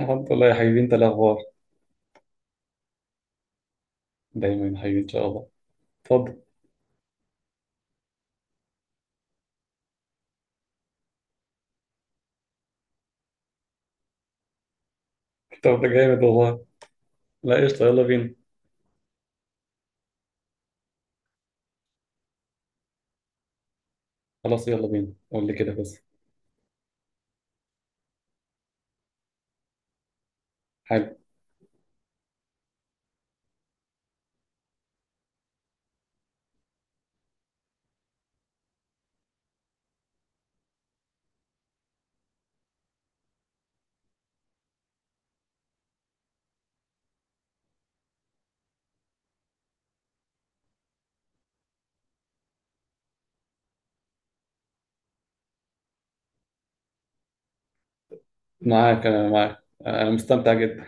الحمد لله يا حبيبي، انت إيه الاخبار؟ دايما يا حبيبي ان شاء الله. اتفضل. طب ده جامد والله. لا قشطه، يلا بينا. خلاص يلا بينا قول لي كده بس. حلو. معاك، انا معاك، انا مستمتع جدا.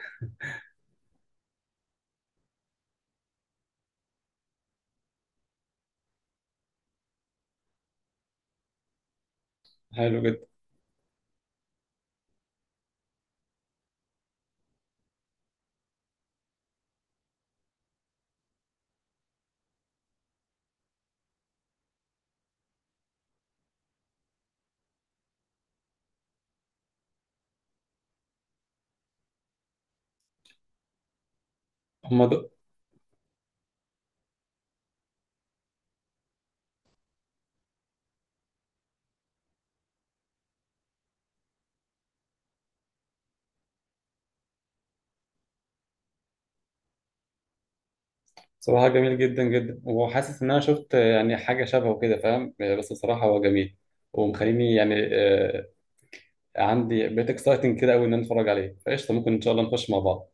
حلو جدا. هما دول. صراحه جميل جدا جدا، وحاسس ان انا شفت يعني حاجه شبهه كده فاهم، بس الصراحه هو جميل. ومخليني يعني عندي بقيت اكسايتنج كده قوي ان انا اتفرج عليه، فقشطه ممكن ان شاء الله نخش مع بعض.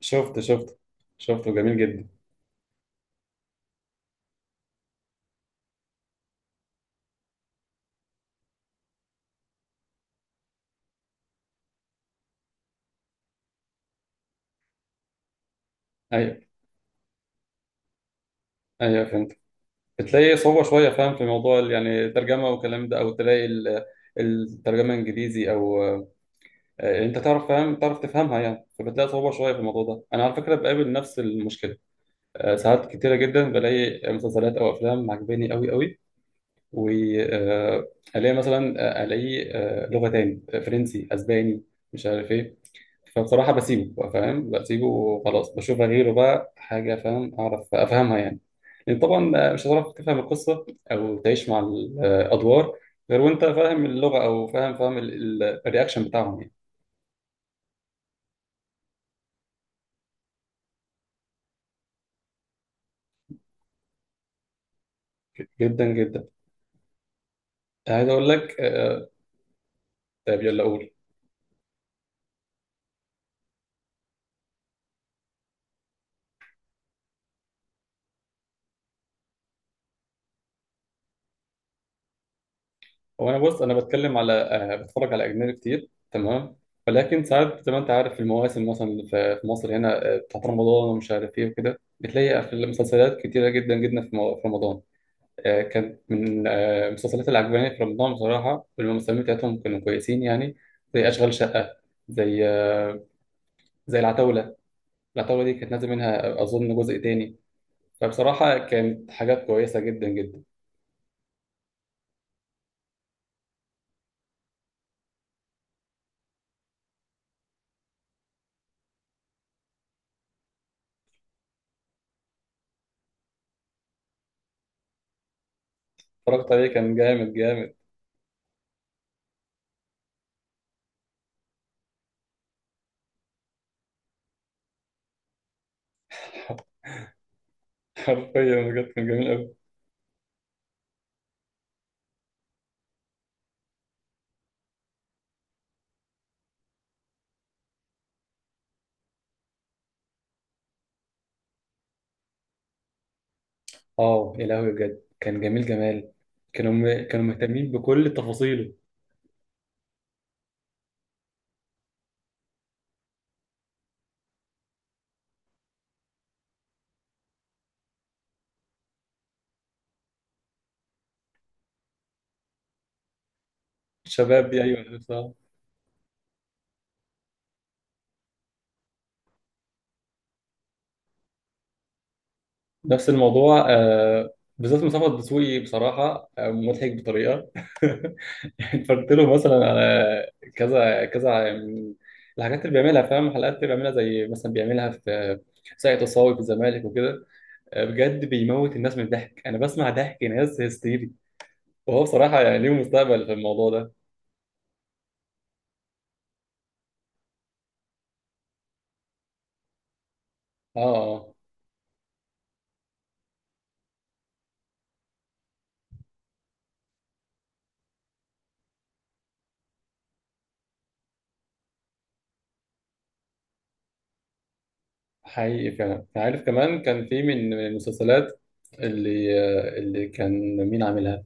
شفت شفته جميل جدا. ايوه. ايوه فهمت. بتلاقي صعوبة شوية فاهم في موضوع يعني الترجمة والكلام ده، أو تلاقي الترجمة إنجليزي، أو يعني أنت تعرف فاهم تعرف تفهمها يعني، فبتلاقي صعوبة شوية في الموضوع ده. أنا على فكرة بقابل نفس المشكلة. ساعات كتيرة جدا بلاقي مسلسلات أو أفلام عجباني أوي أوي، وألاقي مثلا ألاقي لغة تاني فرنسي أسباني، مش عارف إيه، فبصراحة بسيبه فاهم، بسيبه وخلاص، بشوف غيره بقى حاجة فاهم أعرف أفهمها يعني. لأن طبعا مش هتعرف تفهم القصة أو تعيش مع الأدوار غير وأنت فاهم اللغة، أو فاهم الرياكشن بتاعهم يعني. جدا جدا. عايز أقول لك طيب يلا قول. هو أنا بص، أنا بتكلم على بتفرج على أجنبي كتير تمام، ولكن ساعات زي ما أنت عارف المواسم مثلا اللي في مصر هنا بتاعت رمضان ومش عارف إيه وكده، بتلاقي في المسلسلات كتيرة جدا جدا في في رمضان. كانت من المسلسلات اللي عجباني في رمضان بصراحة، والممثلين بتاعتهم كانوا كويسين يعني. زي أشغال شقة، زي زي العتاولة. العتاولة دي كانت نازل منها أظن جزء تاني. فبصراحة كانت حاجات كويسة جدا جدا. اتفرجت عليه كان جامد جامد. حرفيا بجد كان جميل أوي. اه يا لهوي بجد كان جميل جمال. كانوا مهتمين بكل تفاصيله. الشباب دي أيوه بصراحة. نفس الموضوع بالذات مصطفى الدسوقي بصراحة مضحك بطريقة. اتفرجت له مثلا على كذا كذا من الحاجات اللي بيعملها فاهم، حلقات اللي بيعملها زي مثلا بيعملها في ساقية الصاوي في الزمالك وكده. بجد بيموت الناس من الضحك، انا بسمع ضحك ناس هستيري، وهو بصراحة يعني ليه مستقبل في الموضوع ده. اه. اه. حقيقي فعلا، عارف كمان كان في من المسلسلات اللي اللي كان مين عاملها؟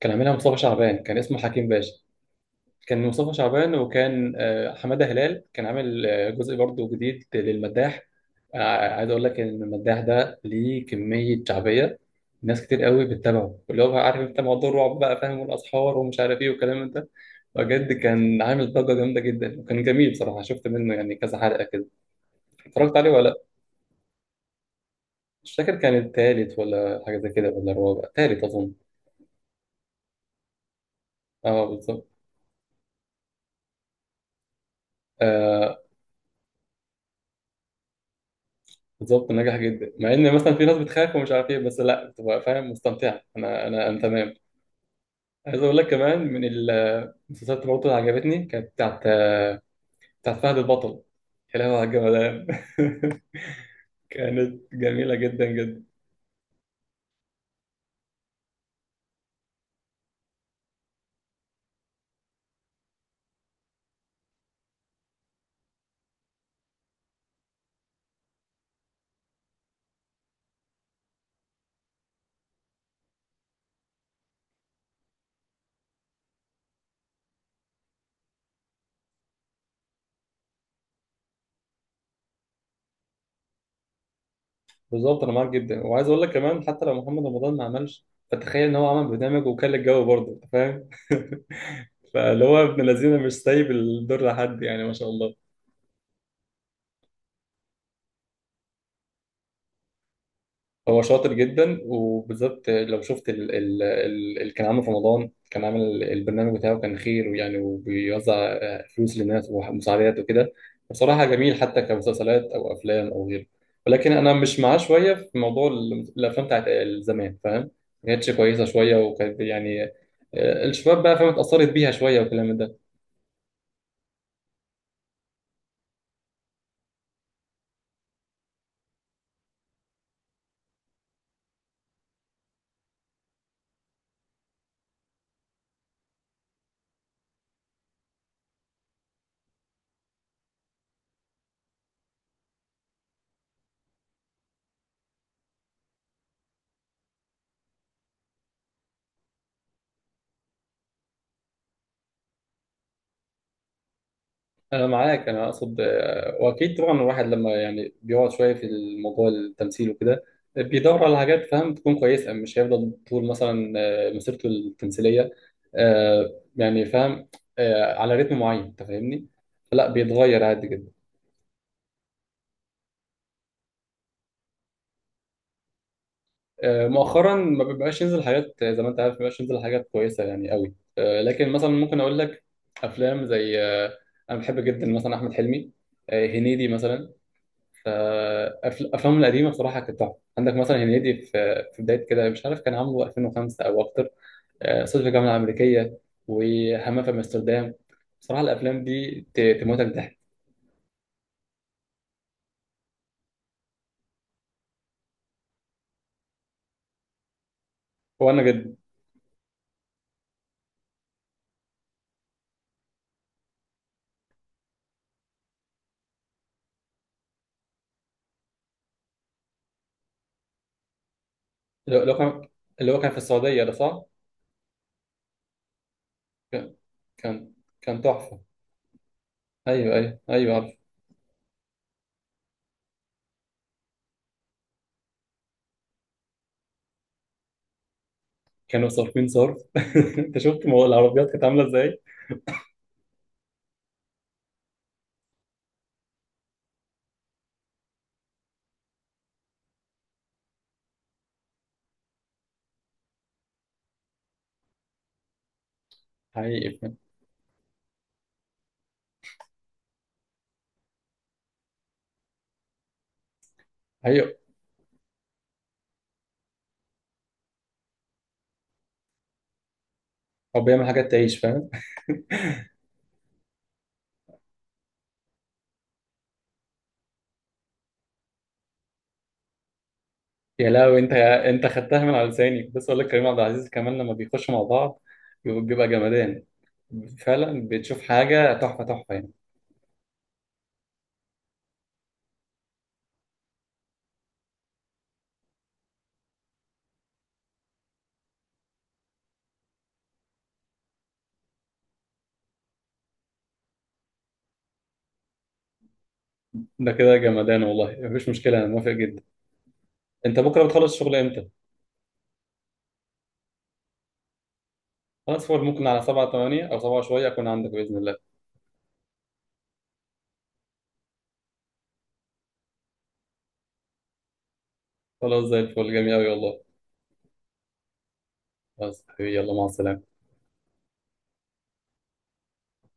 كان عاملها مصطفى شعبان، كان اسمه حكيم باشا. كان مصطفى شعبان، وكان حمادة هلال كان عامل جزء برضه جديد للمداح. عايز اقول لك ان المداح ده ليه كميه شعبيه، ناس كتير قوي بتتابعه، اللي هو بقى عارف انت موضوع الرعب بقى فاهم، والاسحار ومش عارف ايه والكلام من ده. بجد كان عامل ضجه جامده جدا وكان جميل صراحه. شفت منه يعني كذا حلقه كده. اتفرجت عليه ولا لا؟ مش فاكر، كان التالت ولا حاجه زي كده ولا الرابع، تالت اظن. اه بالظبط. آه بالظبط، نجح جدا مع ان مثلا في ناس بتخاف ومش عارف ايه، بس لا بتبقى فاهم مستمتعه. انا تمام. عايز اقول لك كمان من المسلسلات برضه اللي عجبتني، كانت بتاعت فهد البطل. كلام على الجمدان. كانت جميلة جدا جدا. بالظبط أنا معاك جدا، وعايز أقول لك كمان حتى لو محمد رمضان ما عملش، فتخيل إن هو عمل برنامج وكان الجو برضه أنت فاهم. فاللي هو ابن الذين مش سايب الدور لحد، يعني ما شاء الله. هو شاطر جدا، وبالذات لو شفت اللي كان عامله في رمضان، كان عامل البرنامج بتاعه، كان خير ويعني وبيوزع فلوس للناس ومساعدات وكده. بصراحة جميل حتى كمسلسلات أو أفلام أو غيره. ولكن أنا مش معاه شوية في موضوع الأفلام بتاعت زمان فاهم؟ ما كانتش كويسة شوية، وكانت يعني الشباب بقى فاهم اتأثرت بيها شوية والكلام ده. انا معاك، انا اقصد واكيد طبعا الواحد لما يعني بيقعد شويه في الموضوع التمثيل وكده، بيدور على حاجات فاهم تكون كويسه، مش هيفضل طول مثلا مسيرته التمثيليه يعني فاهم على رتم معين انت فاهمني، فلا بيتغير عادي جدا. مؤخرا ما بيبقاش ينزل حاجات زي ما انت عارف ما بيبقاش ينزل حاجات كويسه يعني قوي، لكن مثلا ممكن اقول لك افلام زي انا بحب جدا مثلا احمد حلمي، هنيدي مثلا. فأفلامه القديمة بصراحة كانت تحفة. عندك مثلا هنيدي في بداية كده مش عارف كان عامله 2005 أو أكتر، صعيدي في الجامعة الأمريكية، وهمام في أمستردام. بصراحة الأفلام دي تموتك ضحك. هو أنا جد. اللي هو كان، اللي هو كان في السعودية ده صح؟ كان كان كان تحفة. أيوه أيوه أيوه عارف. كانوا صارفين صرف. أنت شفت العربيات كانت عاملة إزاي؟ حقيقي فاهم؟ حقيقي. هو بيعمل حاجات تعيش. يا لهوي انت، يا انت خدتها من على لساني، كنت لسه اقول لك كريم عبد العزيز كمان لما بيخشوا مع بعض بيبقى جمدان. فعلا بتشوف حاجه تحفه تحفه يعني. ده كده جمدان والله، مفيش مشكله انا موافق جدا. انت بكره بتخلص الشغل امتى؟ خلاص فول، ممكن على 7 8 او 7 شويه اكون عندك باذن الله. خلاص زي الفل، جميل قوي والله. خلاص حبيبي يلا مع السلامه.